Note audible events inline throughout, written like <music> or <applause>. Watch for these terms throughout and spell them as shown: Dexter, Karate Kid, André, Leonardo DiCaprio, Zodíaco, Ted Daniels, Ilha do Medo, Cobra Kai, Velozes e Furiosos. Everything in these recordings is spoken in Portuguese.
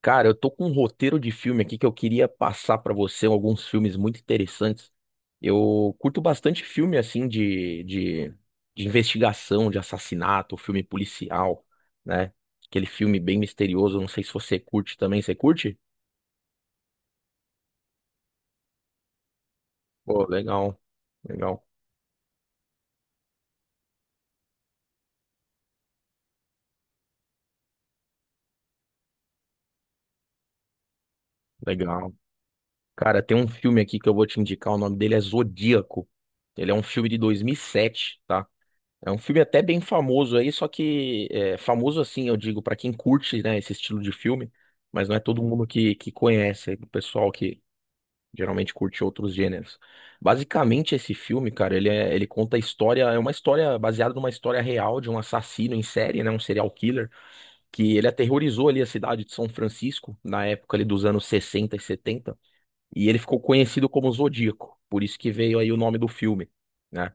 Cara, eu tô com um roteiro de filme aqui que eu queria passar pra você, alguns filmes muito interessantes. Eu curto bastante filme assim de investigação, de assassinato, filme policial, né? Aquele filme bem misterioso, não sei se você curte também, você curte? Pô, legal, legal, legal. Cara, tem um filme aqui que eu vou te indicar, o nome dele é Zodíaco. Ele é um filme de 2007, tá? É um filme até bem famoso aí, só famoso assim, eu digo, pra quem curte, né, esse estilo de filme, mas não é todo mundo que conhece, é o pessoal que geralmente curte outros gêneros. Basicamente, esse filme, cara, ele conta a história, é uma história baseada numa história real de um assassino em série, né, um serial killer, que ele aterrorizou ali a cidade de São Francisco, na época ali dos anos 60 e 70 e ele ficou conhecido como Zodíaco, por isso que veio aí o nome do filme, né?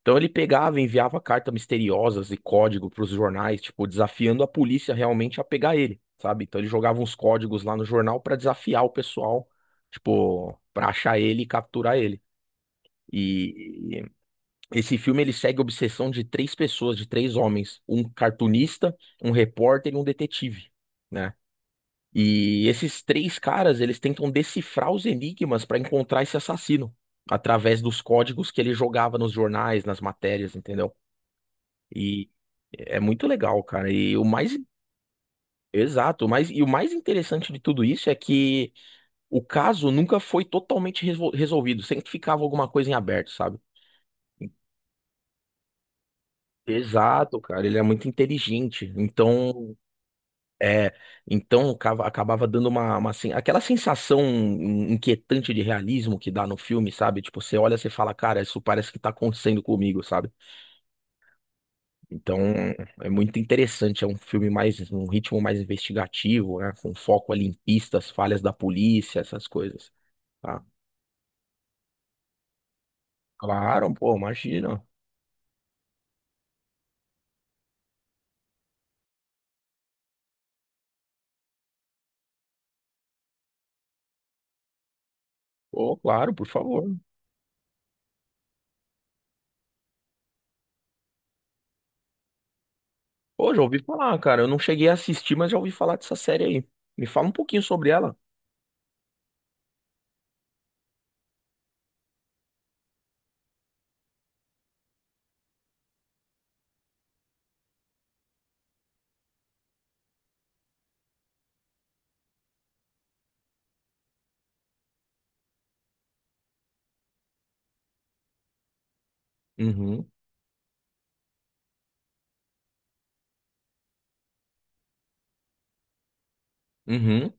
Então ele pegava e enviava cartas misteriosas e código para os jornais, tipo, desafiando a polícia realmente a pegar ele, sabe? Então ele jogava uns códigos lá no jornal para desafiar o pessoal, tipo, para achar ele e capturar ele. E esse filme ele segue a obsessão de três pessoas, de três homens, um cartunista, um repórter e um detetive, né? E esses três caras, eles tentam decifrar os enigmas para encontrar esse assassino através dos códigos que ele jogava nos jornais, nas matérias, entendeu? E é muito legal, cara. E o mais exato, o mais e o mais interessante de tudo isso é que o caso nunca foi totalmente resolvido, sempre ficava alguma coisa em aberto, sabe? Exato, cara, ele é muito inteligente. Então, é, acabava dando aquela sensação inquietante de realismo que dá no filme, sabe? Tipo, você olha, você fala, cara, isso parece que tá acontecendo comigo, sabe? Então, é muito interessante. É um filme mais, um ritmo mais investigativo, né? Com foco ali em pistas, falhas da polícia, essas coisas. Tá? Claro, pô, imagina. Pô, claro, por favor. Pô, já ouvi falar, cara. Eu não cheguei a assistir, mas já ouvi falar dessa série aí. Me fala um pouquinho sobre ela. Uhum, uhum,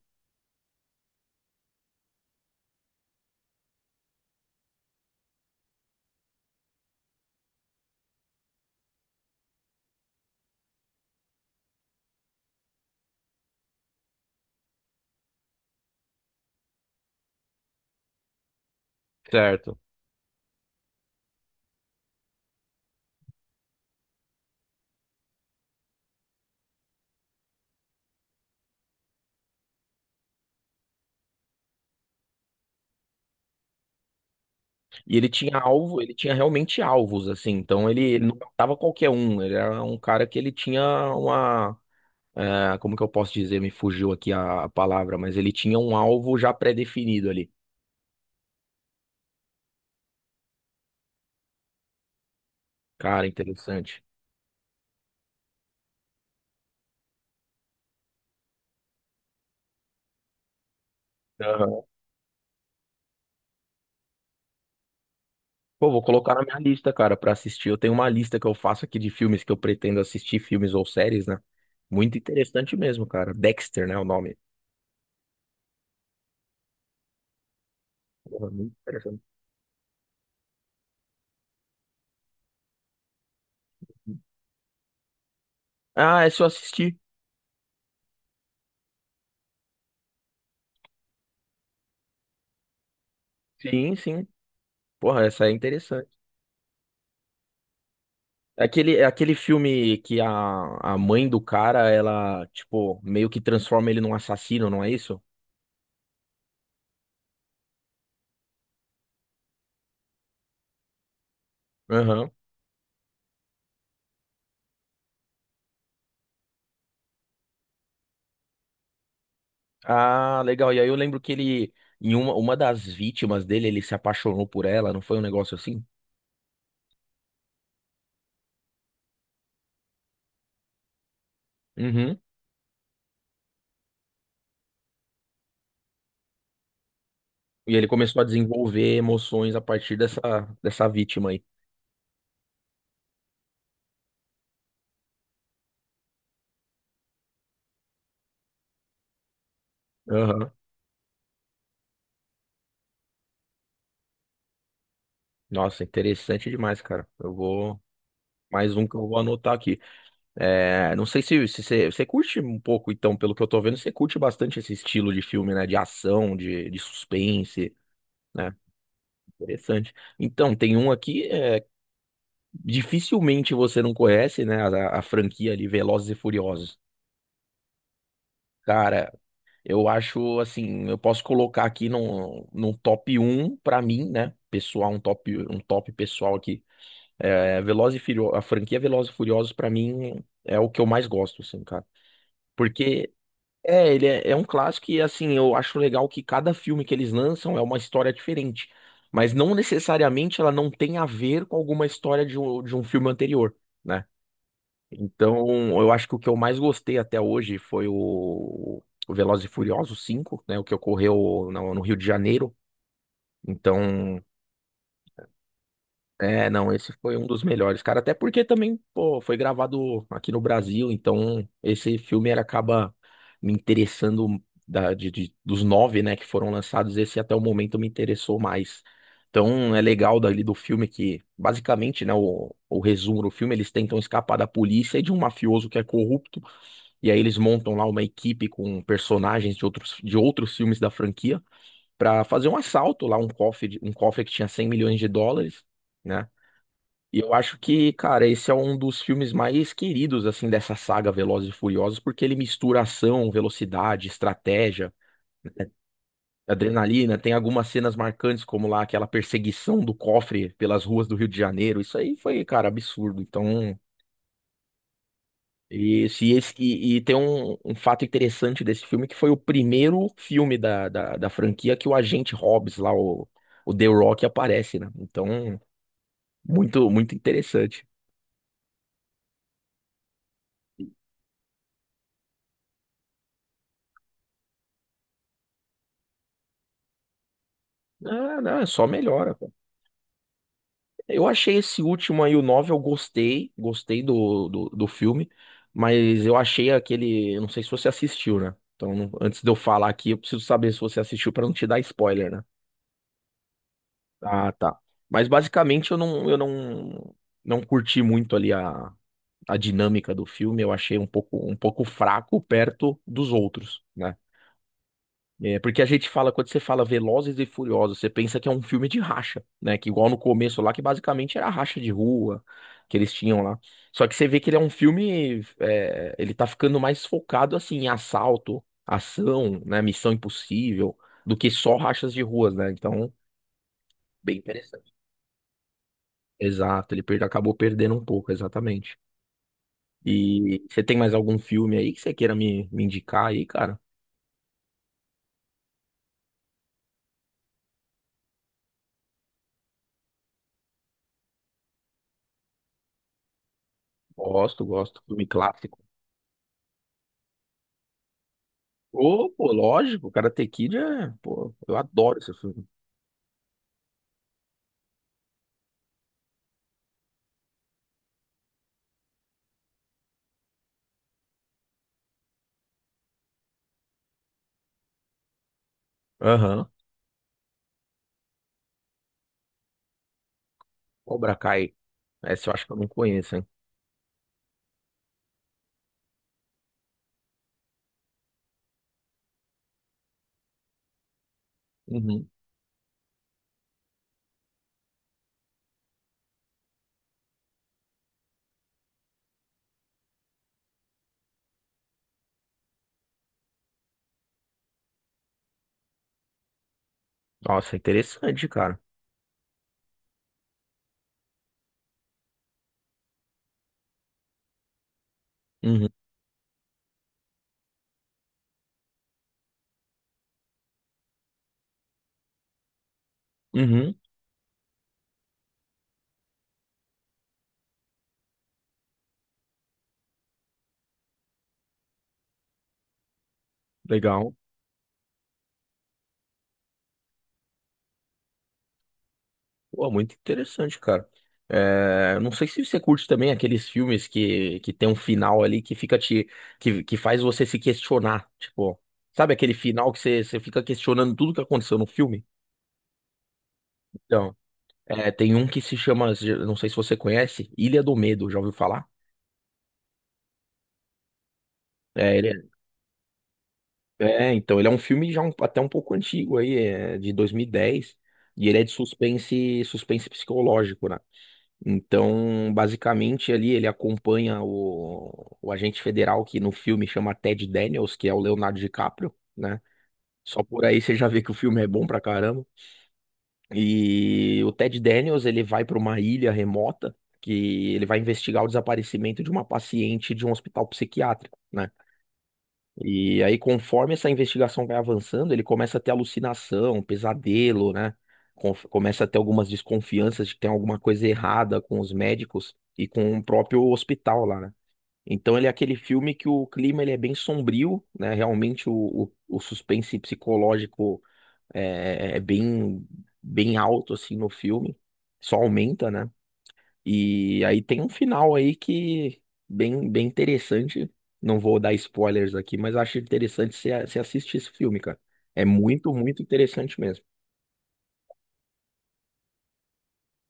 certo. E ele tinha alvo, ele tinha realmente alvos, assim. Então, ele não matava qualquer um. Ele era um cara que ele tinha uma. Ah, como que eu posso dizer? Me fugiu aqui a palavra, mas ele tinha um alvo já pré-definido ali. Cara, interessante. Aham. Pô, vou colocar na minha lista, cara, pra assistir. Eu tenho uma lista que eu faço aqui de filmes que eu pretendo assistir, filmes ou séries, né? Muito interessante mesmo, cara. Dexter, né, o nome. Porra, muito interessante. Ah, é só assistir. Sim, sim. Porra, essa é interessante. É aquele, é aquele filme que a mãe do cara, ela, tipo, meio que transforma ele num assassino, não é isso? Aham. Ah, legal. E aí eu lembro que ele, em uma das vítimas dele, ele se apaixonou por ela, não foi um negócio assim? Uhum. E ele começou a desenvolver emoções a partir dessa vítima aí. Aham. Nossa, interessante demais, cara. Eu vou. Mais um que eu vou anotar aqui. É, não sei se, se você, você curte um pouco, então, pelo que eu tô vendo, você curte bastante esse estilo de filme, né? De ação, de suspense, né? Interessante. Então, tem um aqui. É, dificilmente você não conhece, né, a franquia ali, Velozes e Furiosos. Cara, eu acho assim, eu posso colocar aqui no top um pra mim, né, pessoal, um top pessoal aqui. É, Velozes e Furiosos, a franquia Velozes e Furiosos pra mim é o que eu mais gosto, assim, cara. Porque é um clássico e assim, eu acho legal que cada filme que eles lançam é uma história diferente. Mas não necessariamente ela não tem a ver com alguma história de um filme anterior, né? Então, eu acho que o que eu mais gostei até hoje foi o Velozes e Furiosos 5, né? O que ocorreu no Rio de Janeiro. Então, é, não, esse foi um dos melhores, cara. Até porque também, pô, foi gravado aqui no Brasil. Então, esse filme ele acaba me interessando dos 9, né, que foram lançados. Esse até o momento me interessou mais. Então, é legal dali do filme que, basicamente, né, o resumo do filme, eles tentam escapar da polícia e de um mafioso que é corrupto. E aí eles montam lá uma equipe com personagens de outros filmes da franquia para fazer um assalto lá, um cofre que tinha 100 milhões de dólares, né? E eu acho que, cara, esse é um dos filmes mais queridos, assim, dessa saga Velozes e Furiosos, porque ele mistura ação, velocidade, estratégia, adrenalina. Tem algumas cenas marcantes, como lá aquela perseguição do cofre pelas ruas do Rio de Janeiro. Isso aí foi, cara, absurdo. Então, isso, e tem um, um fato interessante desse filme, que foi o primeiro filme da franquia que o agente Hobbs lá, o The Rock, aparece, né? Então, muito, muito interessante. Ah, não, é só melhora, cara. Eu achei esse último aí, o 9 eu gostei, gostei do filme, mas eu achei aquele, eu não sei se você assistiu, né? Então, não- antes de eu falar aqui, eu preciso saber se você assistiu pra não te dar spoiler, né? Ah, tá. Mas basicamente eu não, não curti muito ali a dinâmica do filme, eu achei um pouco fraco perto dos outros, né? É, porque a gente fala, quando você fala Velozes e Furiosos, você pensa que é um filme de racha, né? Que igual no começo lá, que basicamente era racha de rua que eles tinham lá. Só que você vê que ele é um filme, é, ele tá ficando mais focado, assim, em assalto, ação, né? Missão Impossível, do que só rachas de ruas, né? Então, bem interessante. Exato, ele perde, acabou perdendo um pouco, exatamente. E você tem mais algum filme aí que você queira me indicar aí, cara? Gosto, gosto. Filme clássico. Ô, pô, lógico, Karate Kid é. Pô, eu adoro esse filme. Aham. Cobra Kai. Essa eu acho que eu não conheço, hein? Uhum. Nossa, interessante, cara. Uhum. Uhum. Legal. Pô, muito interessante, cara. É, não sei se você curte também aqueles filmes que tem um final ali que fica te. Que faz você se questionar. Tipo, sabe aquele final que você fica questionando tudo que aconteceu no filme? Então, é, tem um que se chama, não sei se você conhece, Ilha do Medo, já ouviu falar? É, ele- então, ele é um filme já até um pouco antigo aí, é, de 2010, e ele é de suspense, suspense psicológico, né? Então, basicamente ali ele acompanha o agente federal que no filme chama Ted Daniels, que é o Leonardo DiCaprio, né? Só por aí você já vê que o filme é bom pra caramba. E o Ted Daniels, ele vai para uma ilha remota que ele vai investigar o desaparecimento de uma paciente de um hospital psiquiátrico, né? E aí, conforme essa investigação vai avançando, ele começa a ter alucinação, pesadelo, né? Começa a ter algumas desconfianças de que tem alguma coisa errada com os médicos e com o próprio hospital lá, né? Então ele é aquele filme que o clima ele é bem sombrio, né? Realmente o suspense psicológico é bem, bem alto assim no filme, só aumenta, né? E aí tem um final aí que bem, bem interessante. Não vou dar spoilers aqui, mas acho interessante você assistir esse filme, cara. É muito, muito interessante mesmo.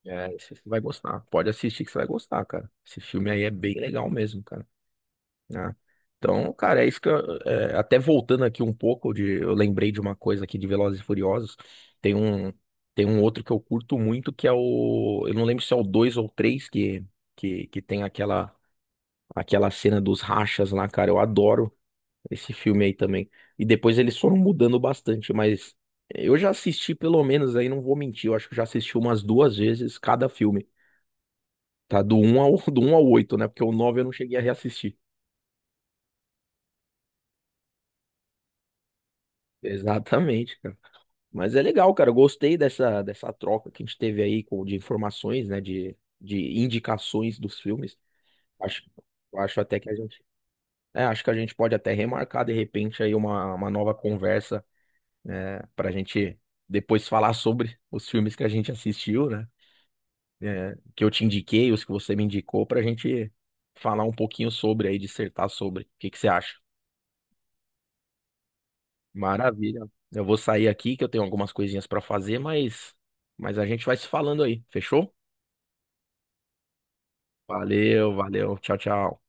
É, você vai gostar. Pode assistir que você vai gostar, cara. Esse filme aí é bem legal mesmo, cara, né? Então, cara, é isso que eu, é, até voltando aqui um pouco de, eu lembrei de uma coisa aqui de Velozes e Furiosos. Tem um tem um outro que eu curto muito que é o, eu não lembro se é o 2 ou o 3, que tem aquela cena dos rachas lá, cara. Eu adoro esse filme aí também. E depois eles foram mudando bastante, mas eu já assisti pelo menos aí, não vou mentir, eu acho que eu já assisti umas duas vezes cada filme. Tá do 1 ao <laughs> do 1 ao 8, né? Porque o 9 eu não cheguei a reassistir. Exatamente, cara. Mas é legal, cara. Eu gostei dessa troca que a gente teve aí com, de informações, né? De indicações dos filmes. Acho, eu acho até que a gente. É, acho que a gente pode até remarcar de repente aí uma nova conversa, né, pra gente depois falar sobre os filmes que a gente assistiu, né? Que eu te indiquei, os que você me indicou, pra gente falar um pouquinho sobre aí, dissertar sobre. O que que você acha? Maravilha. Eu vou sair aqui que eu tenho algumas coisinhas pra fazer, mas a gente vai se falando aí, fechou? Valeu, valeu. Tchau, tchau.